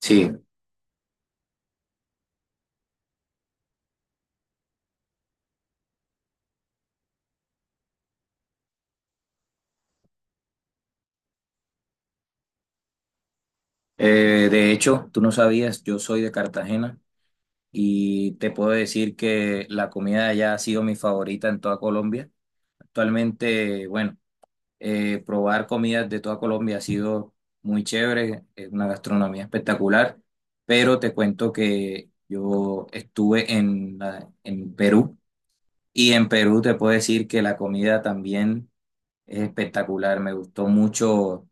Sí, de hecho, tú no sabías, yo soy de Cartagena y te puedo decir que la comida de allá ha sido mi favorita en toda Colombia. Actualmente, bueno, probar comidas de toda Colombia ha sido muy chévere, es una gastronomía espectacular, pero te cuento que yo estuve en Perú y en Perú te puedo decir que la comida también es espectacular, me gustó mucho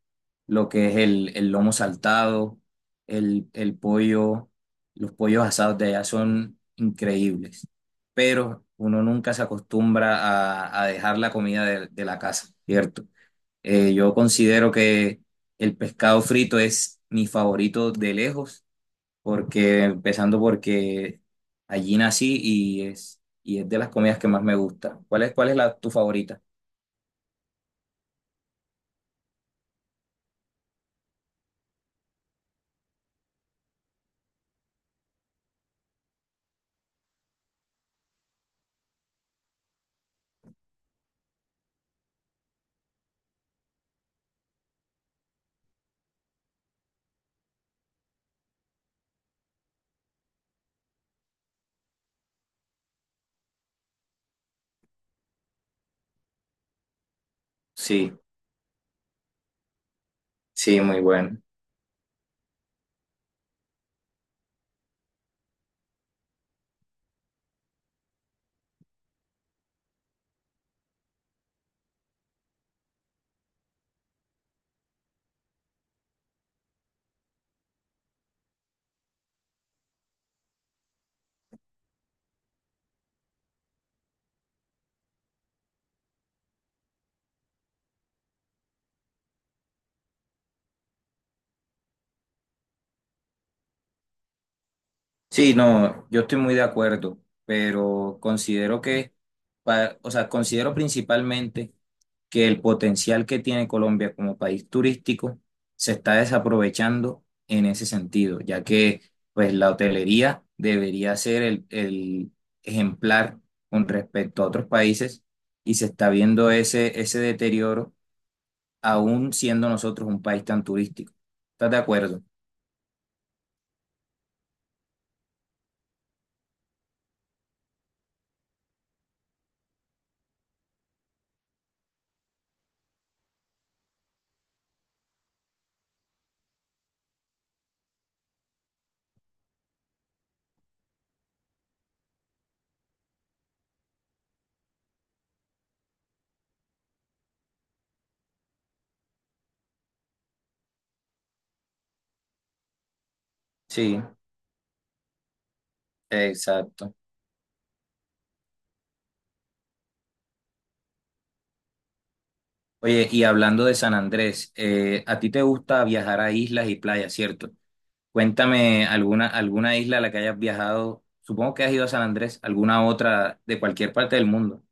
lo que es el lomo saltado, el pollo, los pollos asados de allá son increíbles, pero uno nunca se acostumbra a dejar la comida de la casa, ¿cierto? Yo considero que el pescado frito es mi favorito de lejos, porque empezando porque allí nací y es de las comidas que más me gusta. ¿Cuál es tu favorita? Sí, sí, muy bueno. Sí, no, yo estoy muy de acuerdo, pero considero que, o sea, considero principalmente que el potencial que tiene Colombia como país turístico se está desaprovechando en ese sentido, ya que pues la hotelería debería ser el ejemplar con respecto a otros países y se está viendo ese deterioro aún siendo nosotros un país tan turístico. ¿Estás de acuerdo? Sí, exacto. Oye, y hablando de San Andrés, a ti te gusta viajar a islas y playas, ¿cierto? Cuéntame alguna isla a la que hayas viajado. Supongo que has ido a San Andrés, alguna otra de cualquier parte del mundo.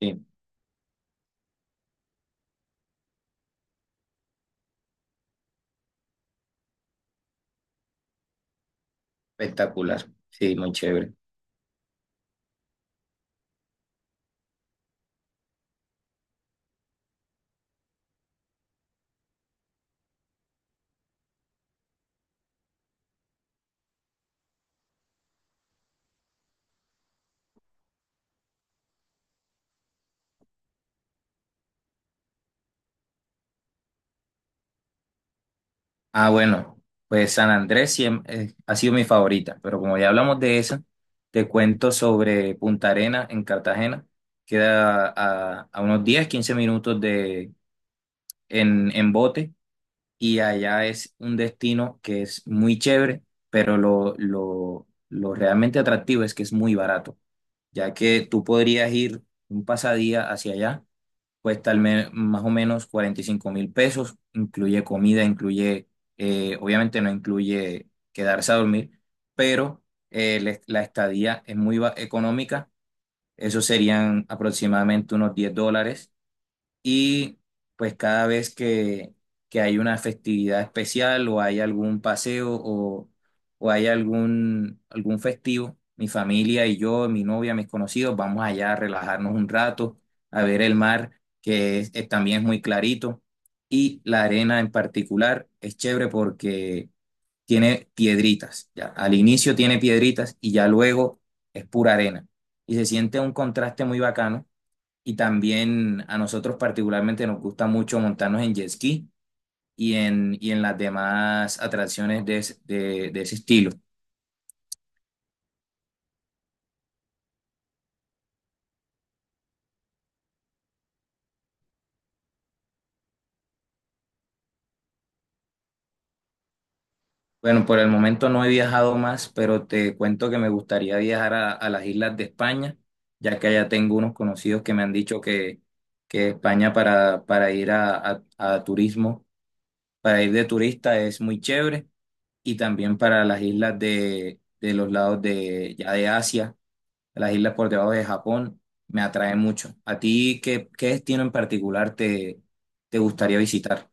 Sí, espectacular. Sí, muy chévere. Ah, bueno, pues ha sido mi favorita, pero como ya hablamos de esa, te cuento sobre Punta Arena en Cartagena. Queda a unos 10, 15 minutos de, en bote y allá es un destino que es muy chévere, pero lo realmente atractivo es que es muy barato, ya que tú podrías ir un pasadía hacia allá, más o menos 45.000 pesos, incluye comida, incluye, obviamente no incluye quedarse a dormir, pero la estadía es económica, eso serían aproximadamente unos 10 dólares y pues cada vez que hay una festividad especial o hay algún paseo o hay algún festivo, mi familia y yo, mi novia, mis conocidos, vamos allá a relajarnos un rato, a ver el mar, que también es muy clarito, y la arena en particular es chévere porque tiene piedritas, ya. Al inicio tiene piedritas y ya luego es pura arena. Y se siente un contraste muy bacano y también a nosotros particularmente nos gusta mucho montarnos en jet ski y en las demás atracciones de ese estilo. Bueno, por el momento no he viajado más, pero te cuento que me gustaría viajar a las islas de España, ya que allá tengo unos conocidos que me han dicho que España para ir a turismo, para ir de turista es muy chévere, y también para las islas de los lados de, ya de Asia. Las islas por debajo de Japón me atraen mucho. ¿A ti qué destino en particular te gustaría visitar?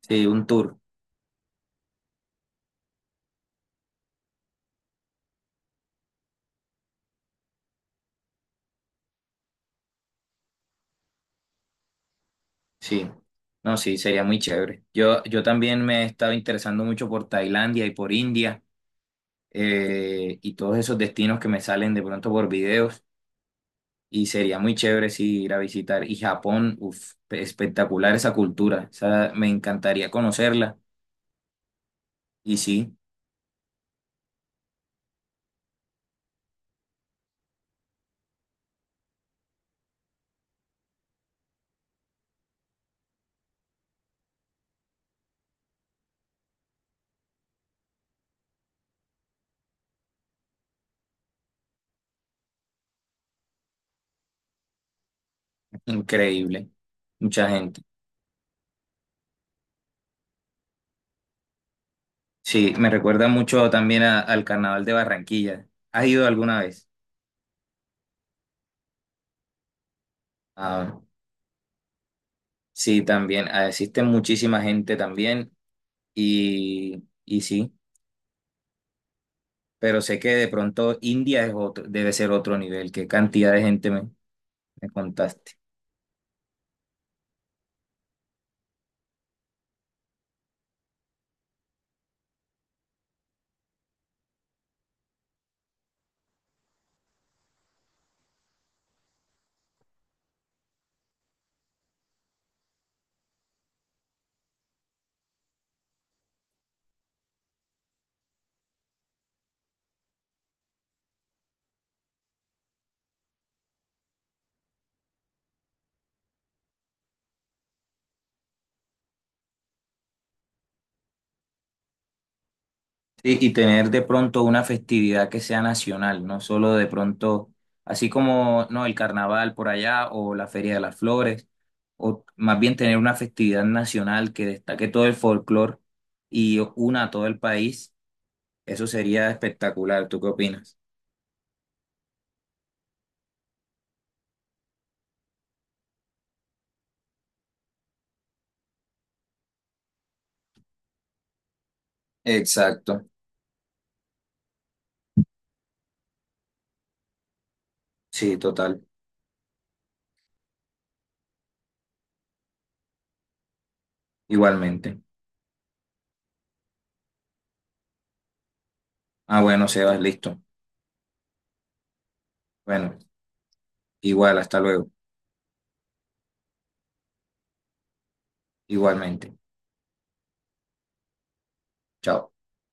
Sí, un tour. Sí. No, sí, sería muy chévere. Yo también me he estado interesando mucho por Tailandia y por India y todos esos destinos que me salen de pronto por videos y sería muy chévere sí, ir a visitar. Y Japón, uf, espectacular esa cultura. Esa, me encantaría conocerla y sí, increíble. Mucha gente. Sí, me recuerda mucho al Carnaval de Barranquilla. ¿Has ido alguna vez? Ah, sí, también. Ah, existe muchísima gente también y sí, pero sé que de pronto India es otro, debe ser otro nivel. ¿Qué cantidad de gente me contaste? Sí, y tener de pronto una festividad que sea nacional, no solo de pronto, así como no el carnaval por allá o la Feria de las Flores, o más bien tener una festividad nacional que destaque todo el folclore y una a todo el país, eso sería espectacular. ¿Tú qué opinas? Exacto, sí, total, igualmente. Ah, bueno, Sebas, listo. Bueno, igual, hasta luego, igualmente. Chao.